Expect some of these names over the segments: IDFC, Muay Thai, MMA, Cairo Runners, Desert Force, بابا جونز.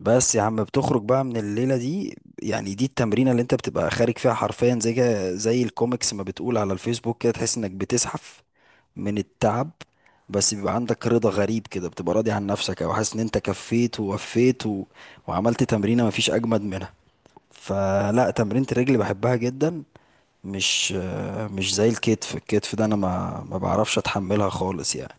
بس يا عم بتخرج بقى من الليلة دي. يعني دي التمرينة اللي انت بتبقى خارج فيها حرفيا زي الكوميكس ما بتقول على الفيسبوك، كده تحس انك بتزحف من التعب. بس بيبقى عندك رضا غريب كده، بتبقى راضي عن نفسك او حاسس ان انت كفيت ووفيت وعملت تمرينة مفيش اجمد منها. فلا، تمرينة الرجل بحبها جدا، مش مش زي الكتف. الكتف ده انا ما بعرفش اتحملها خالص يعني.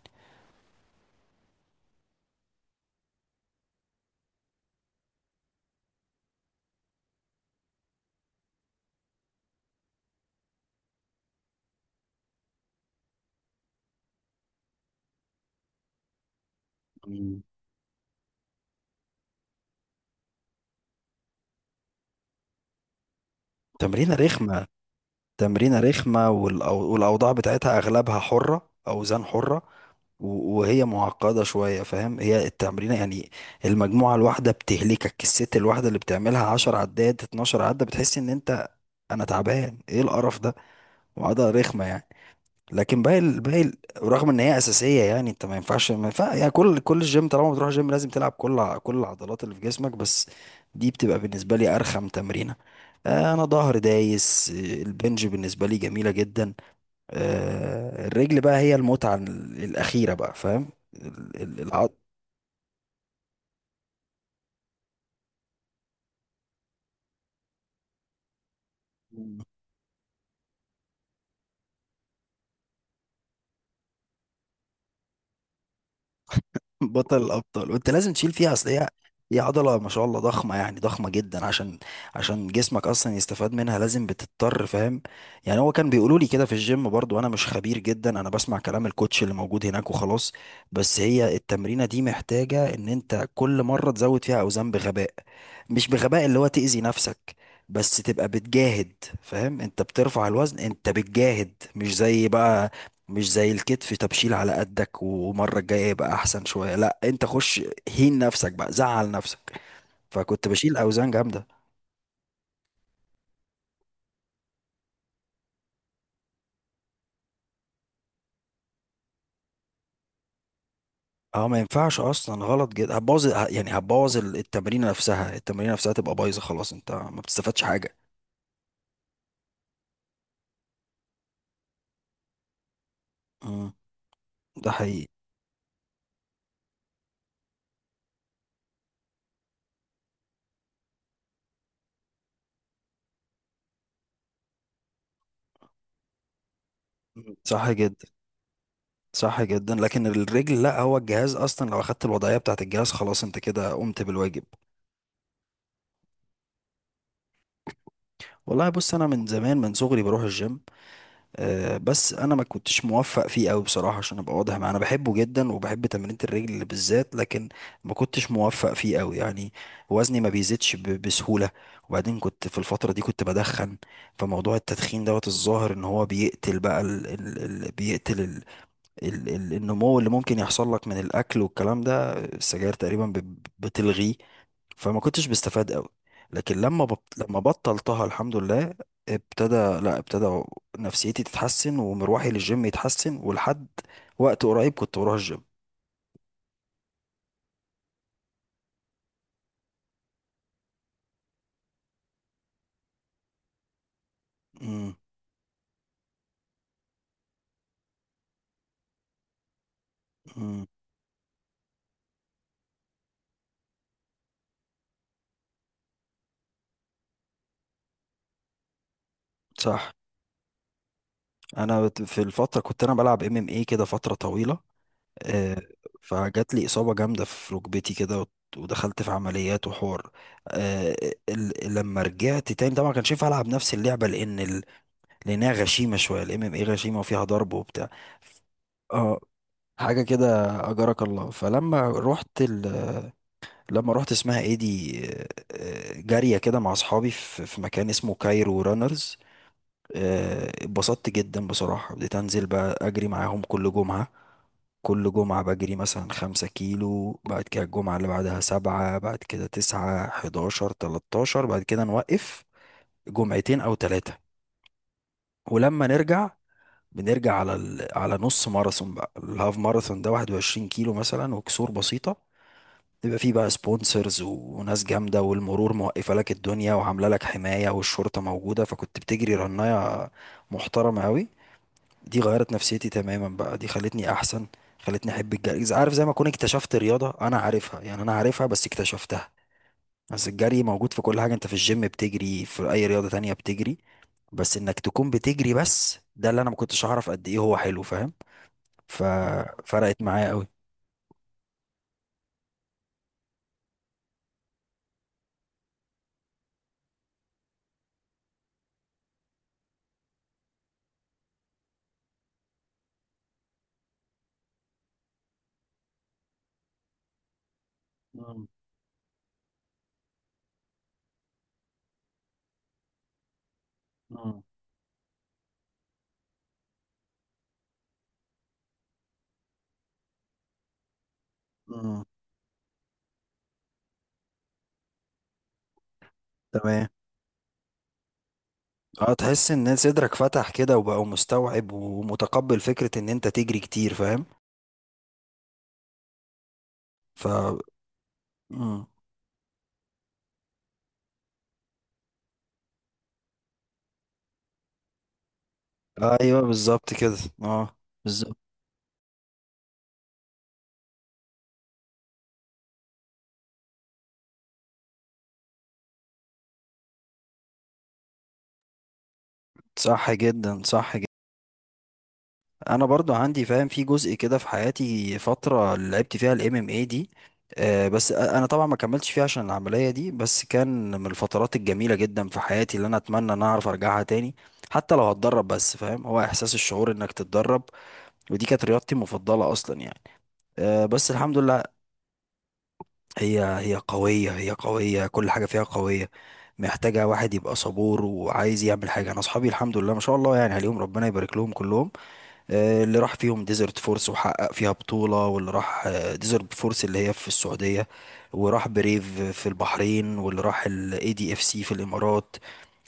مم. تمرينة رخمة، تمرينة رخمة. والأوضاع بتاعتها أغلبها حرة، أوزان حرة. وهي معقدة شوية فاهم، هي التمرينة يعني. المجموعة الواحدة بتهلكك، الست الواحدة اللي بتعملها 10 عدات، 12 عدة، بتحس إن أنت، أنا تعبان إيه القرف ده. وعضلة رخمة يعني. لكن رغم ان هي اساسيه يعني، انت ما ينفعش، ما ينفع يعني، كل الجيم طالما بتروح جيم لازم تلعب كل العضلات اللي في جسمك. بس دي بتبقى بالنسبه لي ارخم تمرينه. انا ظهر دايس. البنج بالنسبه لي جميله جدا. الرجل بقى هي المتعه الاخيره بقى، فاهم ال- ال- العض بطل الابطال، وانت لازم تشيل فيها، اصل هي، هي عضله ما شاء الله ضخمه، يعني ضخمه جدا، عشان جسمك اصلا يستفاد منها لازم بتضطر، فاهم. يعني هو كان بيقولوا لي كده في الجيم، برضو انا مش خبير جدا، انا بسمع كلام الكوتش اللي موجود هناك وخلاص. بس هي التمرينه دي محتاجه ان انت كل مره تزود فيها اوزان بغباء. مش بغباء اللي هو تأذي نفسك، بس تبقى بتجاهد. فاهم، انت بترفع الوزن، انت بتجاهد، مش زي بقى، مش زي الكتف تبشيل على قدك ومرة الجاية يبقى أحسن شوية. لا، أنت خش هين نفسك بقى، زعل نفسك. فكنت بشيل أوزان جامدة. اه، ما ينفعش اصلا، غلط جدا، يعني هتبوظ التمرين نفسها. تبقى بايظه خلاص، انت ما بتستفادش حاجه. امم. ده حقيقي. مم. صح جدا، صح جدا. لكن الرجل لا، هو الجهاز اصلا لو اخدت الوضعيه بتاعت الجهاز خلاص انت كده قمت بالواجب. والله بص، انا من زمان، من صغري بروح الجيم. بس انا ما كنتش موفق فيه قوي بصراحه، عشان ابقى واضح معاه انا بحبه جدا وبحب تمرينة الرجل بالذات، لكن ما كنتش موفق فيه قوي يعني. وزني ما بيزيدش بسهوله. وبعدين كنت في الفتره دي كنت بدخن. فموضوع التدخين دوت، الظاهر ان هو بيقتل بقى ال ال ال بيقتل ال ال ال النمو اللي ممكن يحصل لك من الاكل والكلام ده. السجاير تقريبا بتلغيه. فما كنتش بستفاد قوي. لكن لما بطلتها الحمد لله ابتدى لا ابتدى نفسيتي تتحسن ومروحي للجيم يتحسن، ولحد وقت قريب كنت بروح الجيم. امم، امم، صح. انا في الفتره كنت انا بلعب ام ام اي كده فتره طويله. آه، فجات لي اصابه جامده في ركبتي كده، ودخلت في عمليات وحوار. آه، لما رجعت تاني طبعا ما كانش ينفع العب نفس اللعبه، لانها غشيمه شويه الام ام اي، غشيمه وفيها ضرب وبتاع. اه، حاجة كده، أجرك الله. فلما رحت لما رحت اسمها ايه دي، جارية كده مع أصحابي في مكان اسمه كايرو رانرز. اتبسطت جدا بصراحة، بديت أنزل بقى أجري معاهم كل جمعة. كل جمعة بجري مثلا 5 كيلو، بعد كده الجمعة اللي بعدها 7، بعد كده 9، 11، 13، بعد كده نوقف جمعتين أو 3. ولما نرجع، بنرجع على على نص ماراثون بقى، الهاف ماراثون ده 21 كيلو مثلا وكسور بسيطة. يبقى فيه بقى سبونسرز وناس جامدة، والمرور موقفة لك الدنيا وعاملة لك حماية، والشرطة موجودة، فكنت بتجري رناية محترمة أوي. دي غيرت نفسيتي تماما بقى، دي خلتني أحسن، خلتني أحب الجري، إذا عارف، زي ما أكون اكتشفت رياضة أنا عارفها، يعني أنا عارفها بس اكتشفتها. بس الجري موجود في كل حاجة، أنت في الجيم بتجري، في أي رياضة تانية بتجري، بس إنك تكون بتجري، بس ده اللي أنا ما كنتش أعرف قد إيه هو حلو، فاهم. ففرقت معايا أوي. مم. مم. مم. تمام. اه، تحس ان صدرك فتح كده وبقى مستوعب ومتقبل فكرة ان انت تجري كتير، فاهم. ف مم. ايوه، بالظبط كده. اه، بالظبط. صح جدا، صح جدا. انا برضو عندي، فاهم، في جزء كده في حياتي، فترة اللي لعبت فيها الام ام اي دي. بس انا طبعا ما كملتش فيها عشان العملية دي، بس كان من الفترات الجميلة جدا في حياتي اللي انا اتمنى ان أنا اعرف ارجعها تاني، حتى لو هتدرب بس، فاهم، هو احساس الشعور انك تتدرب. ودي كانت رياضتي المفضلة اصلا يعني. بس الحمد لله. هي قوية، هي قوية، كل حاجة فيها قوية. محتاجة واحد يبقى صبور وعايز يعمل حاجة. أنا أصحابي الحمد لله ما شاء الله يعني عليهم، ربنا يبارك لهم كلهم. اللي راح فيهم ديزرت فورس وحقق فيها بطولة، واللي راح ديزرت فورس اللي هي في السعودية، وراح بريف في البحرين، واللي راح الاي دي اف سي في الامارات،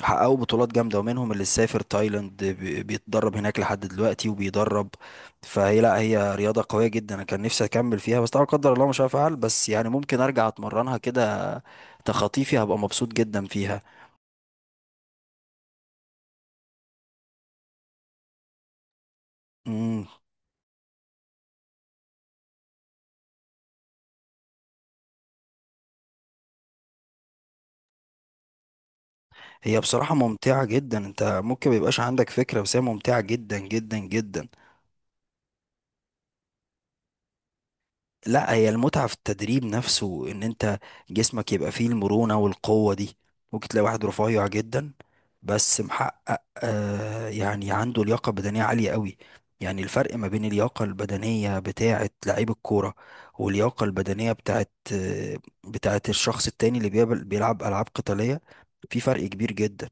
حققوا بطولات جامدة. ومنهم اللي سافر تايلاند بيتدرب هناك لحد دلوقتي وبيدرب. فهي لا، هي رياضة قوية جدا، انا كان نفسي اكمل فيها بس طبعا قدر الله مش هفعل، بس يعني ممكن ارجع اتمرنها كده تخطيفي، هبقى مبسوط جدا فيها. مم. هي بصراحة ممتعة جدا، انت ممكن ميبقاش عندك فكرة بس هي ممتعة جدا جدا جدا. لا، هي المتعة في التدريب نفسه، ان انت جسمك يبقى فيه المرونة والقوة دي. ممكن تلاقي واحد رفيع جدا بس محقق، يعني عنده لياقة بدنية عالية قوي. يعني الفرق ما بين اللياقة البدنية بتاعة لعيب الكورة واللياقة البدنية بتاعة، آه، بتاعة الشخص التاني اللي بيلعب ألعاب قتالية، في فرق كبير جدا.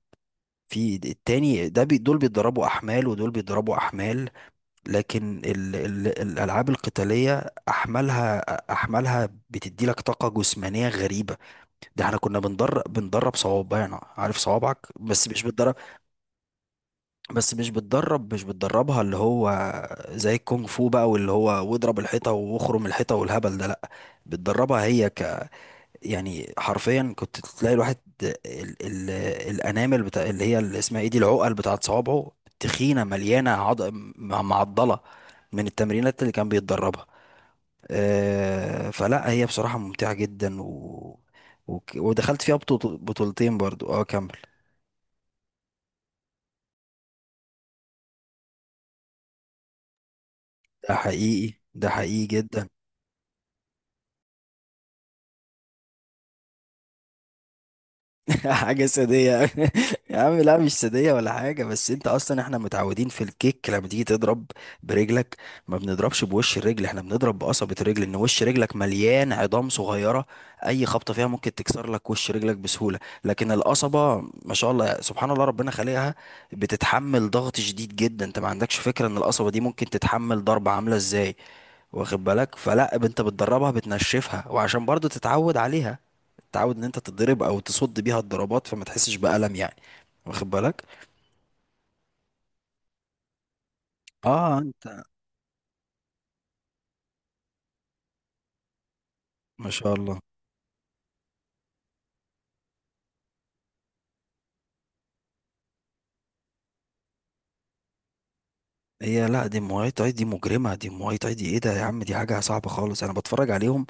في التاني ده بي، دول بيتدربوا احمال ودول بيتدربوا احمال، لكن ال ال الالعاب القتاليه احمالها بتدي لك طاقه جسمانيه غريبه. ده احنا كنا بندرب صوابعنا، عارف صوابعك، بس مش بتدرب، مش بتدربها، اللي هو زي الكونغ فو بقى، واللي هو واضرب الحيطه واخرم الحيطه والهبل ده، لا، بتدربها هي. يعني حرفيا كنت تلاقي الواحد ال ال الانامل بتاع، اللي اسمها ايه دي، العقل بتاعت صوابعه تخينه مليانه معضله من التمرينات اللي كان بيتدربها. فلا هي بصراحه ممتعه جدا ودخلت فيها بطولتين برضو. اه، كمل. ده حقيقي، ده حقيقي جدا. حاجة سادية. يا عم لا، مش سادية ولا حاجة، بس انت اصلا احنا متعودين في الكيك لما تيجي تضرب برجلك ما بنضربش بوش الرجل، احنا بنضرب بقصبة الرجل، ان وش رجلك مليان عظام صغيرة، اي خبطة فيها ممكن تكسر لك وش رجلك بسهولة. لكن القصبة ما شاء الله سبحان الله ربنا خلقها بتتحمل ضغط شديد جدا، انت ما عندكش فكرة ان القصبة دي ممكن تتحمل ضربة عاملة ازاي، واخد بالك. فلا انت بتدربها، بتنشفها، وعشان برضو تتعود عليها، تتعود ان انت تضرب او تصد بيها الضربات فما تحسش بألم يعني، واخد بالك. اه انت، ما شاء الله. هي لا، دي مواي تاي، دي مجرمة، دي مواي تاي، دي ايه ده يا عم، دي حاجة صعبة خالص، انا بتفرج عليهم.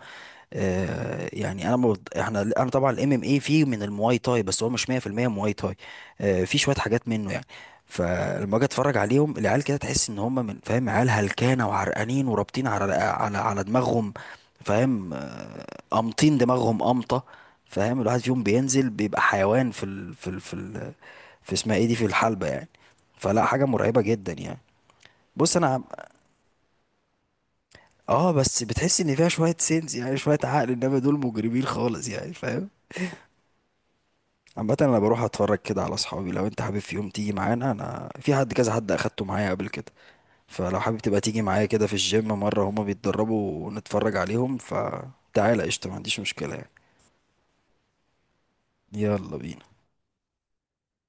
يعني انا احنا، انا طبعا الام ام اي فيه من المواي تاي، بس هو مش 100% مواي تاي. في شويه حاجات منه يعني. فلما اجي اتفرج عليهم العيال كده تحس ان هم، من، فاهم، عيال هلكانه وعرقانين ورابطين على دماغهم، فاهم. امطين دماغهم امطه، فاهم. الواحد فيهم بينزل بيبقى حيوان في اسمها ايه دي، في الحلبه يعني. فلا حاجه مرعبه جدا يعني. بص انا اه، بس بتحس ان فيها شويه سينس، يعني شويه عقل، انما دول مجرمين خالص يعني، فاهم. عامة انا بروح اتفرج كده على اصحابي، لو انت حابب في يوم تيجي معانا، انا في حد، كذا حد اخدته معايا قبل كده، فلو حابب تبقى تيجي معايا كده في الجيم مرة هما بيتدربوا ونتفرج عليهم، فتعالى قشطة، ما عنديش مشكلة يعني. يلا بينا.